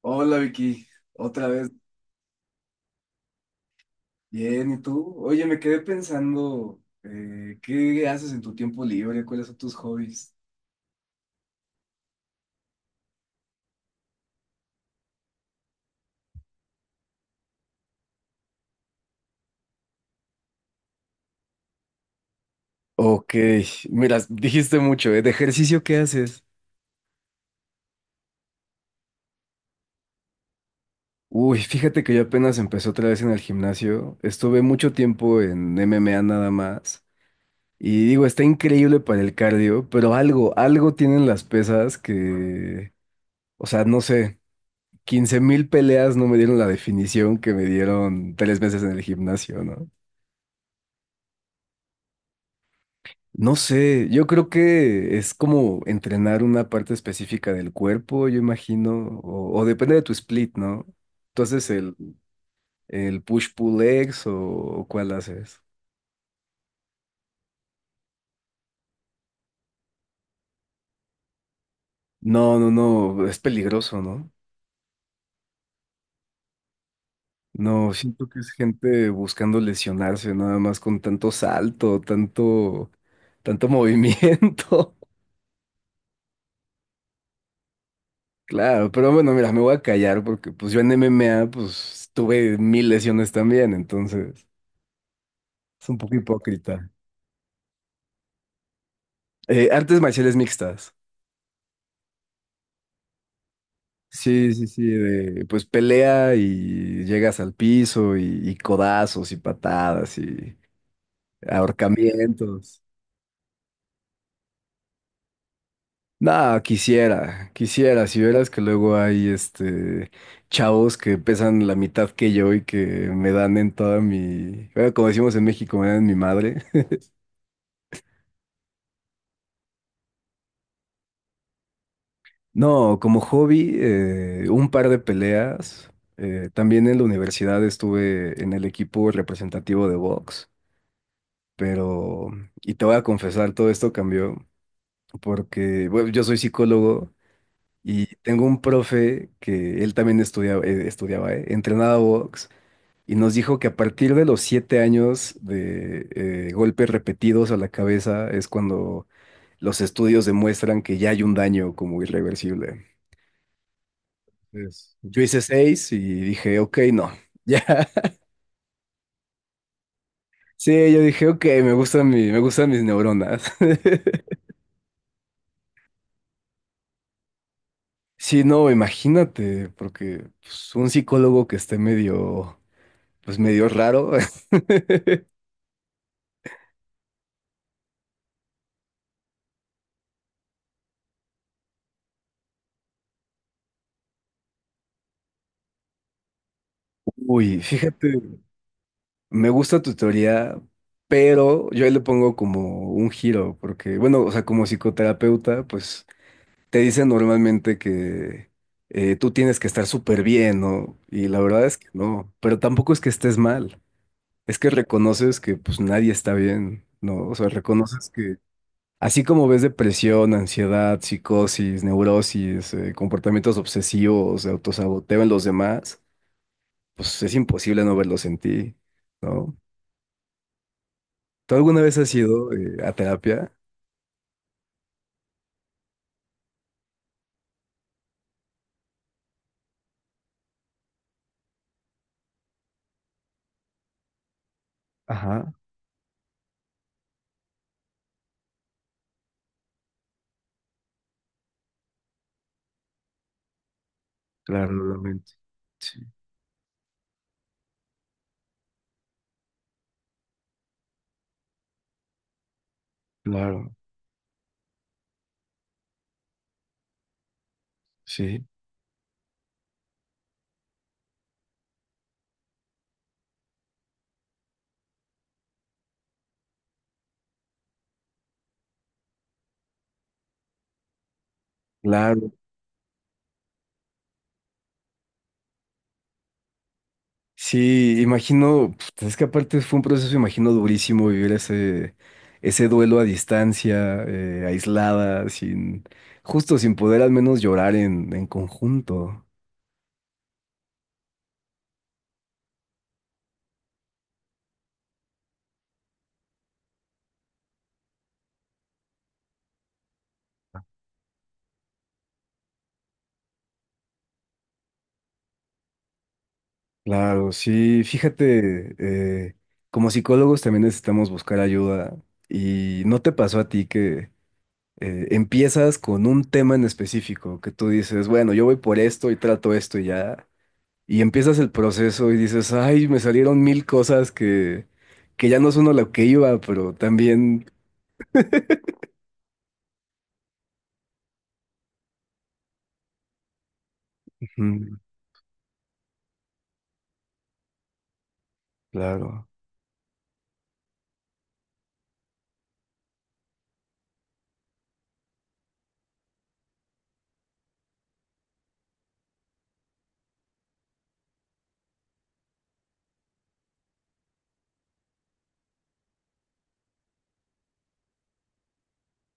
Hola Vicky, otra vez. Bien, ¿y tú? Oye, me quedé pensando, ¿qué haces en tu tiempo libre? ¿Cuáles son tus hobbies? Ok, mira, dijiste mucho, ¿eh? ¿De ejercicio qué haces? Uy, fíjate que yo apenas empecé otra vez en el gimnasio. Estuve mucho tiempo en MMA nada más. Y digo, está increíble para el cardio, pero algo tienen las pesas que, o sea, no sé, 15,000 peleas no me dieron la definición que me dieron 3 meses en el gimnasio, ¿no? No sé, yo creo que es como entrenar una parte específica del cuerpo, yo imagino, o depende de tu split, ¿no? ¿Tú haces el push-pull legs o cuál haces? No, no, no, es peligroso, ¿no? No, siento que es gente buscando lesionarse nada más con tanto salto, tanto movimiento. Claro, pero bueno, mira, me voy a callar porque pues yo en MMA pues tuve mil lesiones también, entonces es un poco hipócrita. Artes marciales mixtas. Sí, sí, sí, de pues pelea y llegas al piso y codazos y patadas y ahorcamientos. No, quisiera, quisiera, si vieras que luego hay este chavos que pesan la mitad que yo y que me dan en toda mi, bueno, como decimos en México, me dan en mi madre. No, como hobby, un par de peleas. También en la universidad estuve en el equipo representativo de box. Pero, y te voy a confesar, todo esto cambió porque, bueno, yo soy psicólogo y tengo un profe que él también estudiaba, entrenaba box y nos dijo que a partir de los 7 años de golpes repetidos a la cabeza es cuando los estudios demuestran que ya hay un daño como irreversible. Yo hice seis y dije, ok, no, ya. Sí, yo dije, ok, me gustan mis neuronas. Sí, no, imagínate, porque pues, un psicólogo que esté medio, pues medio raro. Uy, fíjate, me gusta tu teoría, pero yo ahí le pongo como un giro, porque, bueno, o sea, como psicoterapeuta, pues te dicen normalmente que tú tienes que estar súper bien, ¿no? Y la verdad es que no, pero tampoco es que estés mal, es que reconoces que pues nadie está bien, ¿no? O sea, reconoces. Así como ves depresión, ansiedad, psicosis, neurosis, comportamientos obsesivos, autosaboteo en los demás, pues es imposible no verlos en ti, ¿no? ¿Tú alguna vez has ido a terapia? Ajá, claro, lamento. Sí, claro, sí. Claro. Sí, imagino, pf, es que aparte fue un proceso, imagino, durísimo vivir ese, duelo a distancia, aislada, sin, justo sin poder al menos llorar en conjunto. Claro, sí, fíjate, eh, como psicólogos también necesitamos buscar ayuda y ¿no te pasó a ti que empiezas con un tema en específico, que tú dices, bueno, yo voy por esto y trato esto y ya, y empiezas el proceso y dices, ay, me salieron mil cosas que ya no son a lo que iba, pero también... Ujú. Claro,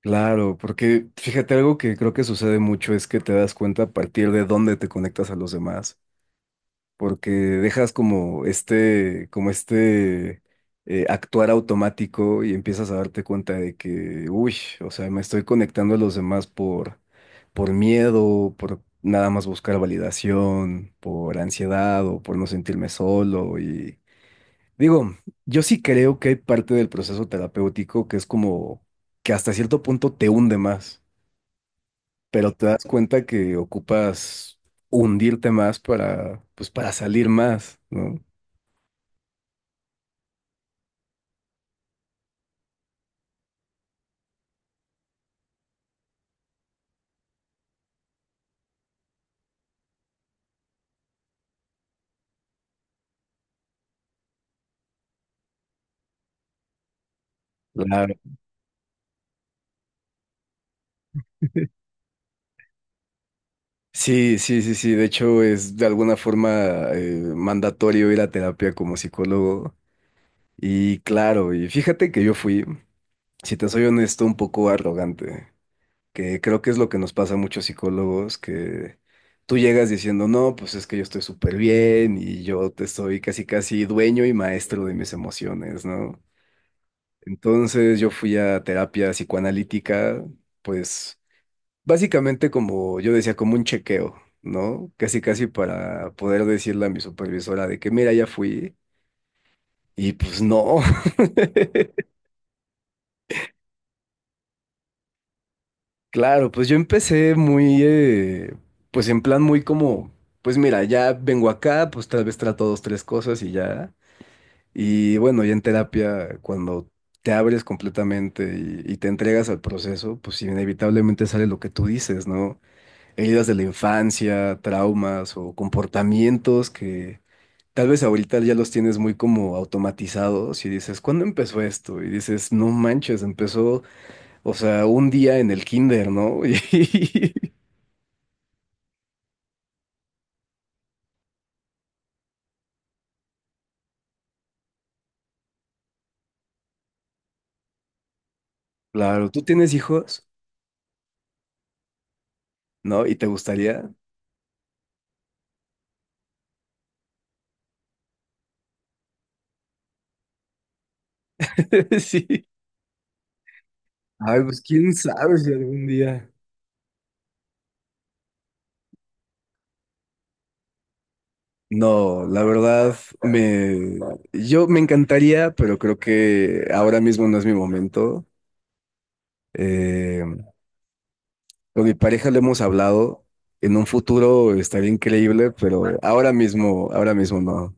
claro, porque fíjate algo que creo que sucede mucho es que te das cuenta a partir de dónde te conectas a los demás. Porque dejas como este, actuar automático y empiezas a darte cuenta de que, uy, o sea, me estoy conectando a los demás por miedo, por nada más buscar validación, por ansiedad o por no sentirme solo. Y digo, yo sí creo que hay parte del proceso terapéutico que es como que hasta cierto punto te hunde más, pero te das cuenta que ocupas hundirte más para, pues, para salir más, ¿no? Claro. Sí, sí, sí, sí. De hecho, es de alguna forma mandatorio ir a terapia como psicólogo. Y claro, y fíjate que yo fui, si te soy honesto, un poco arrogante, que creo que es lo que nos pasa a muchos psicólogos, que tú llegas diciendo, no, pues es que yo estoy súper bien y yo te estoy casi, casi dueño y maestro de mis emociones, ¿no? Entonces yo fui a terapia psicoanalítica, pues básicamente, como yo decía, como un chequeo, ¿no? Casi, casi para poder decirle a mi supervisora de que, mira, ya fui. Y pues no. Claro, pues yo empecé muy, pues en plan muy como, pues mira, ya vengo acá, pues tal vez trato dos, tres cosas y ya. Y bueno, ya en terapia, cuando te abres completamente y te entregas al proceso, pues inevitablemente sale lo que tú dices, ¿no? Heridas de la infancia, traumas o comportamientos que... Tal vez ahorita ya los tienes muy como automatizados y dices, ¿cuándo empezó esto? Y dices, no manches, empezó, o sea, un día en el kinder, ¿no? Y claro, ¿tú tienes hijos? ¿No? ¿Y te gustaría? Sí. Ay, pues quién sabe si algún día. No, la verdad, me, yo me encantaría, pero creo que ahora mismo no es mi momento. Eh, con mi pareja le hemos hablado. En un futuro estaría increíble, pero ahora mismo no.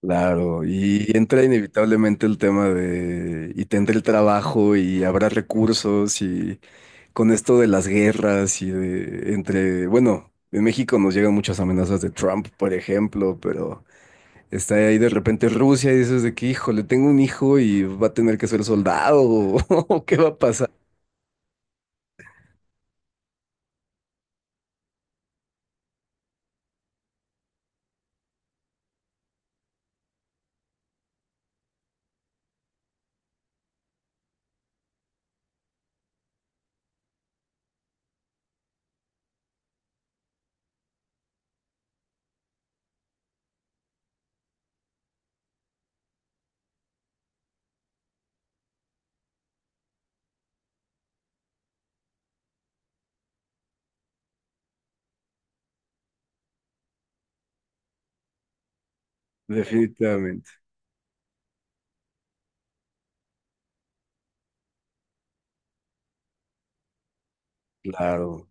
Claro, y entra inevitablemente el tema de, y tendré el trabajo y habrá recursos y con esto de las guerras y de, entre, bueno, en México nos llegan muchas amenazas de Trump, por ejemplo, pero está ahí de repente Rusia y dices de que, híjole, tengo un hijo y va a tener que ser soldado o qué va a pasar. Definitivamente, claro.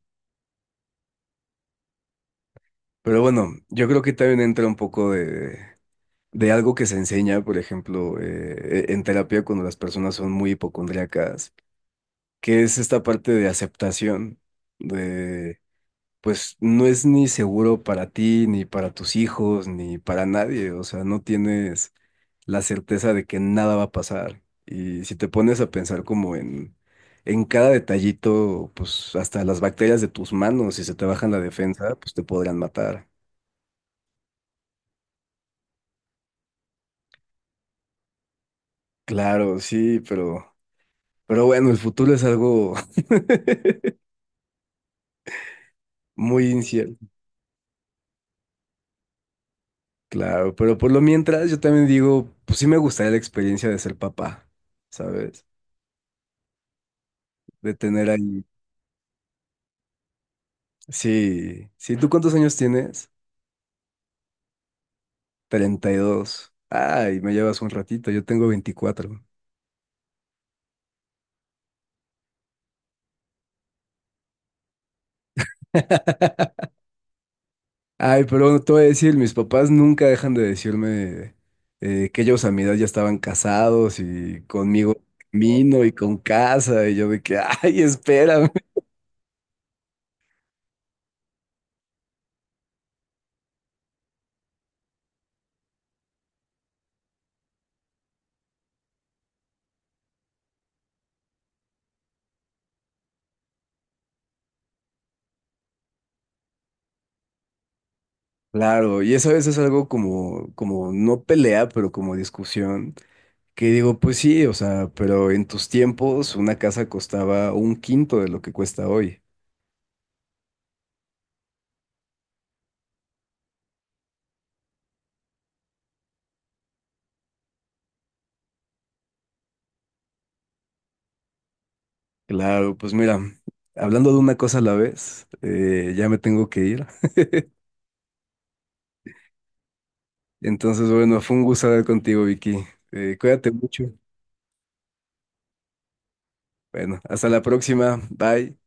Pero bueno, yo creo que también entra un poco de, algo que se enseña, por ejemplo, en terapia cuando las personas son muy hipocondríacas, que es esta parte de aceptación, de pues no es ni seguro para ti, ni para tus hijos, ni para nadie, o sea, no tienes la certeza de que nada va a pasar. Y si te pones a pensar como en, cada detallito, pues hasta las bacterias de tus manos, si se te bajan la defensa, pues te podrían matar. Claro, sí, pero bueno, el futuro es algo muy inicial, claro, pero por lo mientras yo también digo, pues sí me gustaría la experiencia de ser papá, ¿sabes? De tener ahí. Sí, sí, ¿tú cuántos años tienes? 32. Ay, me llevas un ratito, yo tengo 24. Ay, pero bueno, te voy a decir, mis papás nunca dejan de decirme que ellos a mi edad ya estaban casados y conmigo camino y con casa, y yo de que, ay, espérame. Claro, y eso a veces es algo como no pelea, pero como discusión. Que digo, pues sí, o sea, pero en tus tiempos una casa costaba un quinto de lo que cuesta hoy. Claro, pues mira, hablando de una cosa a la vez, ya me tengo que ir. Entonces, bueno, fue un gusto hablar contigo, Vicky. Cuídate mucho. Bueno, hasta la próxima. Bye.